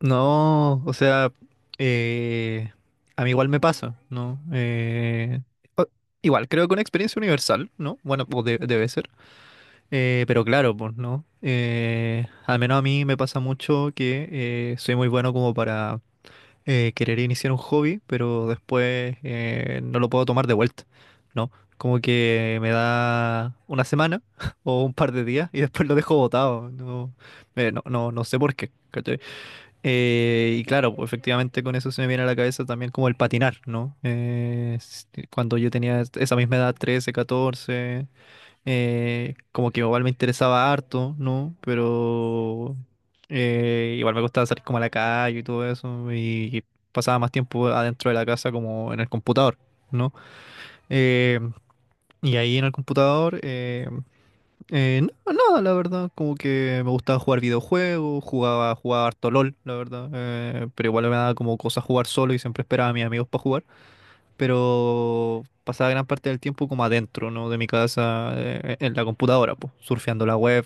No, o sea, eh, a mí igual me pasa, ¿no? O- Igual, creo que una experiencia universal, ¿no? Bueno, pues debe ser. Pero claro, pues, ¿no? Al menos a mí me pasa mucho que soy muy bueno como para querer iniciar un hobby, pero después no lo puedo tomar de vuelta, ¿no? Como que me da una semana o un par de días y después lo dejo botado, ¿no? No, no sé por qué, ¿cachai? Y claro, pues efectivamente con eso se me viene a la cabeza también como el patinar, ¿no? Cuando yo tenía esa misma edad, 13 14 como que igual me interesaba harto, ¿no? Pero igual me gustaba salir como a la calle y todo eso, y pasaba más tiempo adentro de la casa como en el computador, ¿no? Eh, y ahí en el computador. No, nada, la verdad, como que me gustaba jugar videojuegos, jugaba harto LOL, la verdad, pero igual me daba como cosa jugar solo y siempre esperaba a mis amigos para jugar, pero pasaba gran parte del tiempo como adentro, ¿no? De mi casa, en la computadora, pues, surfeando la web,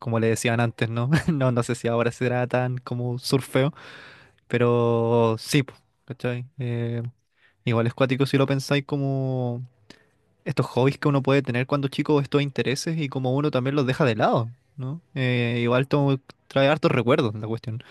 como le decían antes, ¿no? No, no sé si ahora será tan como surfeo, pero sí, pues, ¿cachai? Igual es cuático si lo pensáis como estos hobbies que uno puede tener cuando chico, estos intereses y como uno también los deja de lado, ¿no? Igual to- Trae hartos recuerdos la cuestión.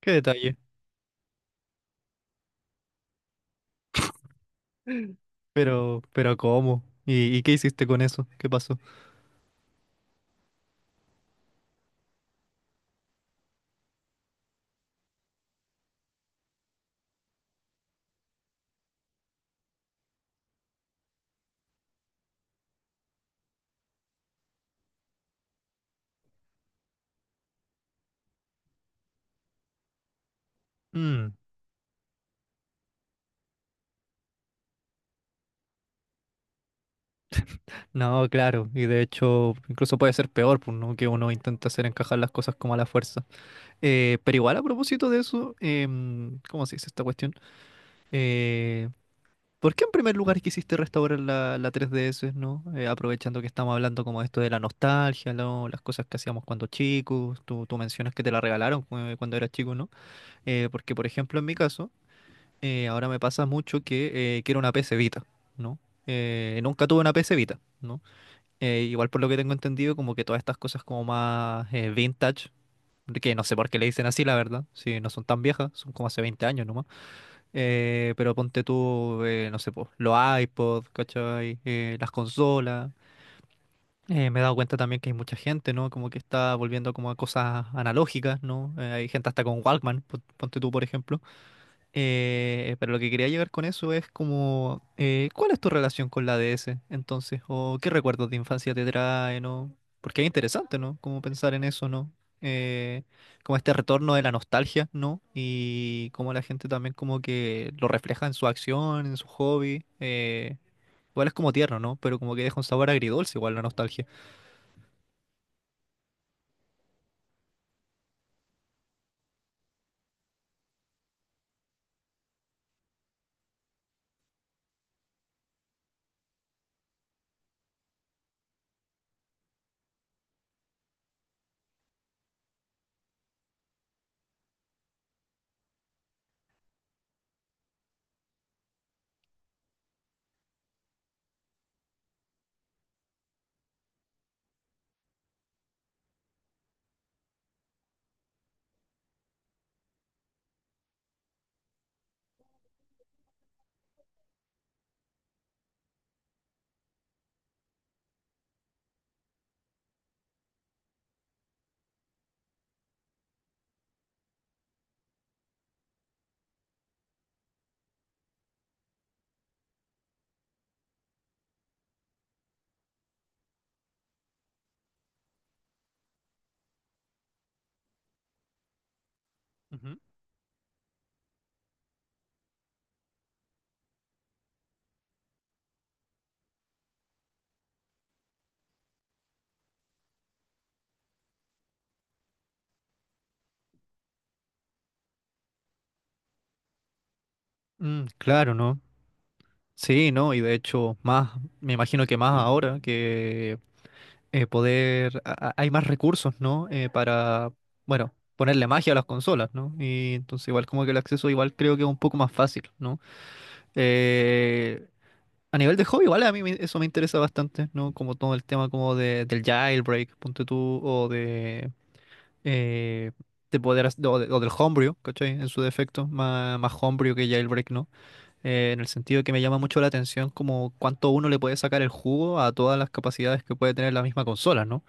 Qué detalle. Pero ¿cómo? ¿Y qué hiciste con eso? ¿Qué pasó? Mm, no, claro. Y de hecho, incluso puede ser peor, pues, ¿no? Que uno intenta hacer encajar las cosas como a la fuerza. Pero igual a propósito de eso, em, ¿cómo se dice esta cuestión? Eh, ¿Por qué en primer lugar quisiste restaurar la 3DS, ¿no? Aprovechando que estamos hablando como de esto de la nostalgia, ¿no? Las cosas que hacíamos cuando chicos, tú mencionas que te la regalaron cuando eras chico, ¿no? Porque, por ejemplo, en mi caso, ahora me pasa mucho que quiero una PC Vita, ¿no? Nunca tuve una PC Vita, ¿no? Igual por lo que tengo entendido, como que todas estas cosas como más vintage, que no sé por qué le dicen así, la verdad, si no son tan viejas, son como hace 20 años, pero ponte tú, no sé, po, los iPods, ¿cachai? Las consolas. Me he dado cuenta también que hay mucha gente, ¿no? Como que está volviendo como a cosas analógicas, ¿no? Hay gente hasta con Walkman, ponte tú, por ejemplo. Pero lo que quería llegar con eso es como, ¿cuál es tu relación con la DS entonces? ¿O qué recuerdos de infancia te traen? ¿O? Porque es interesante, ¿no? Como pensar en eso, ¿no? Eh, Como este retorno de la nostalgia, ¿no? Y como la gente también como que lo refleja en su acción, en su hobby. Igual es como tierno, ¿no? Pero como que deja un sabor agridulce igual la nostalgia. Ujú. Mm, claro, ¿no? Sí, ¿no? Y de hecho, más, me imagino que más ahora que hay más recursos, ¿no? Para, bueno, ponerle magia a las consolas, ¿no? Y entonces igual como que el acceso igual creo que es un poco más fácil, ¿no? Eh, a nivel de hobby, igual a mí eso me interesa bastante, ¿no? Como todo el tema como del jailbreak, ponte tú, o eh, de poder, hac- o, de- o del homebrew, ¿cachai? En su defecto, más homebrew que jailbreak, ¿no? En el sentido que me llama mucho la atención como cuánto uno le puede sacar el jugo a todas las capacidades que puede tener la misma consola, ¿no?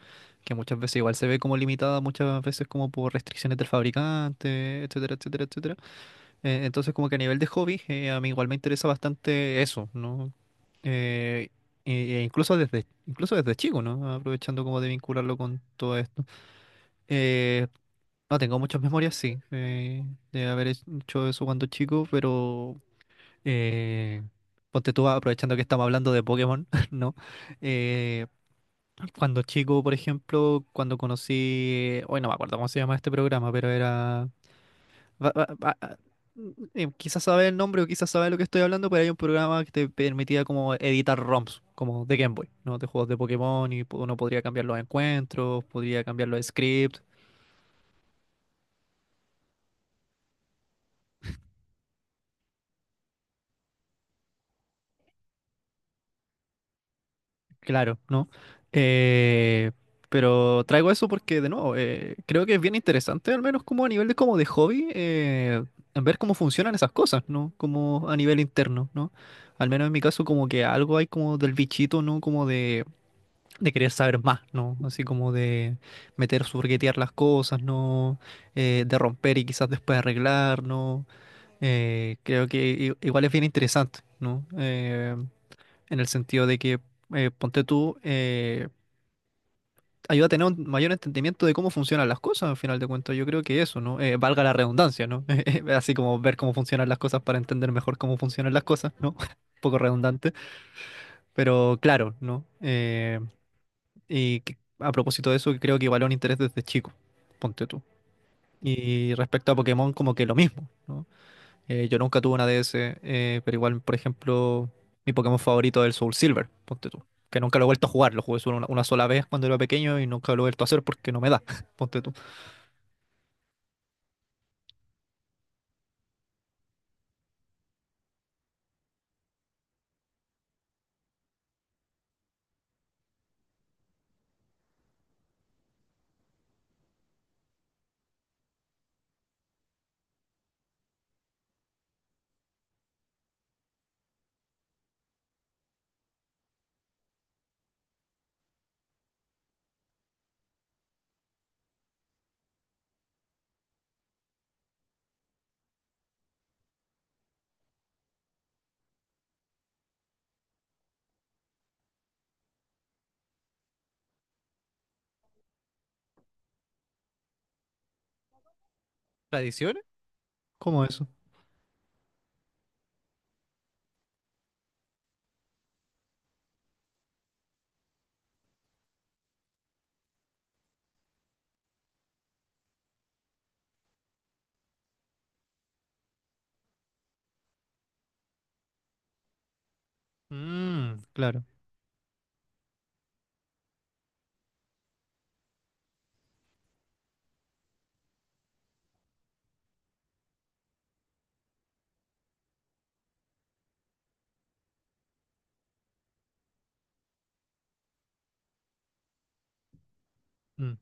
Que muchas veces igual se ve como limitada, muchas veces como por restricciones del fabricante, etcétera, etcétera, etcétera. Entonces como que a nivel de hobby, a mí igual me interesa bastante eso, ¿no? Eh, e incluso incluso desde chico, ¿no? Aprovechando como de vincularlo con todo esto. Eh, no tengo muchas memorias, sí, de haber hecho eso cuando chico, pero eh, ponte tú aprovechando que estamos hablando de Pokémon, ¿no? Eh, Cuando chico, por ejemplo, cuando conocí, hoy no me acuerdo cómo se llama este programa, pero era... va- va- va- ah, quizás sabe el nombre o quizás sabe lo que estoy hablando, pero hay un programa que te permitía como editar ROMs, como de Game Boy, ¿no? De juegos de Pokémon y uno podría cambiar los encuentros, podría cambiar los scripts. Claro, ¿no? Eh, pero traigo eso porque, de nuevo, creo que es bien interesante, al menos como a nivel de, como de hobby, en ver cómo funcionan esas cosas, ¿no? Como a nivel interno, ¿no? Al menos en mi caso, como que algo hay como del bichito, ¿no? Como de querer saber más, ¿no? Así como de meter, surguetear las cosas, ¿no? De romper y quizás después arreglar, ¿no? Creo que igual es bien interesante, ¿no? En el sentido de que, ponte tú, ayuda a tener un mayor entendimiento de cómo funcionan las cosas, al final de cuentas. Yo creo que eso, ¿no? Valga la redundancia, ¿no? Así como ver cómo funcionan las cosas para entender mejor cómo funcionan las cosas, ¿no? Un poco redundante, pero claro, ¿no? Y a propósito de eso, creo que igual es un interés desde chico, ponte tú. Y respecto a Pokémon, como que lo mismo, ¿no? Yo nunca tuve una DS, pero igual, por ejemplo, mi Pokémon favorito es el Soul Silver, ponte tú. Que nunca lo he vuelto a jugar, lo jugué solo una sola vez cuando era pequeño y nunca lo he vuelto a hacer porque no me da, ponte tú. ¿Tradiciones? ¿Cómo eso? Mm, claro. Mm,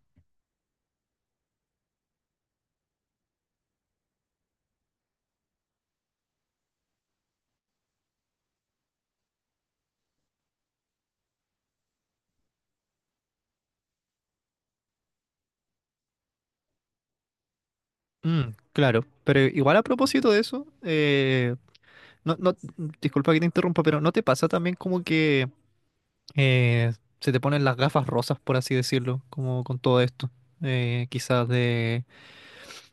mm, claro. Pero igual a propósito de eso, no, no, disculpa que te interrumpa, pero ¿no te pasa también como que eh, se te ponen las gafas rosas, por así decirlo, como con todo esto? Quizás de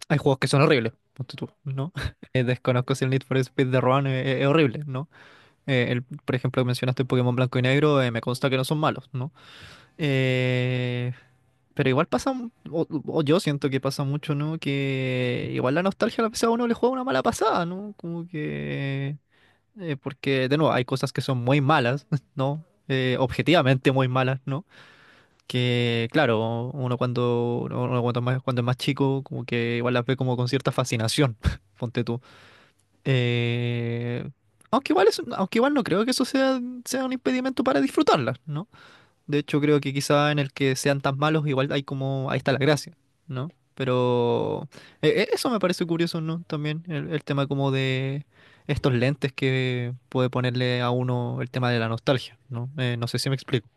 hay juegos que son horribles, ponte tú, ¿no? Desconozco si el Need for Speed de Roan es, horrible, ¿no? El, por ejemplo, mencionaste Pokémon Blanco y Negro, me consta que no son malos, ¿no? Eh, pero igual pasa, o yo siento que pasa mucho, ¿no? Que igual la nostalgia a la vez a uno le juega una mala pasada, ¿no? Como que... porque, de nuevo, hay cosas que son muy malas, ¿no? Objetivamente muy malas, ¿no? Que claro, uno cuando cuando es más chico, como que igual las ve como con cierta fascinación, ponte tú. Eh, Aunque igual no creo que eso sea un impedimento para disfrutarlas, ¿no? De hecho, creo que quizá en el que sean tan malos, igual hay como, ahí está la gracia, ¿no? Pero eso me parece curioso, ¿no? También el tema como de estos lentes que puede ponerle a uno el tema de la nostalgia, ¿no? No sé si me explico.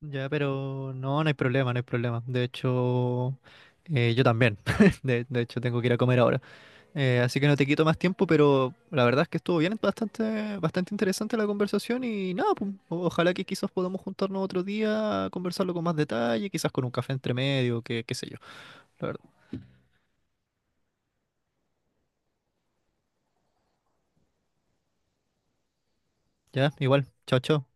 Ya, pero no, no hay problema, no hay problema. De hecho, yo también. De hecho, tengo que ir a comer ahora. Así que no te quito más tiempo, pero la verdad es que estuvo bien, bastante interesante la conversación y nada, pues, ojalá que quizás podamos juntarnos otro día a conversarlo con más detalle, quizás con un café entre medio, que, qué sé yo. La verdad. Ya, igual. Chao, chao.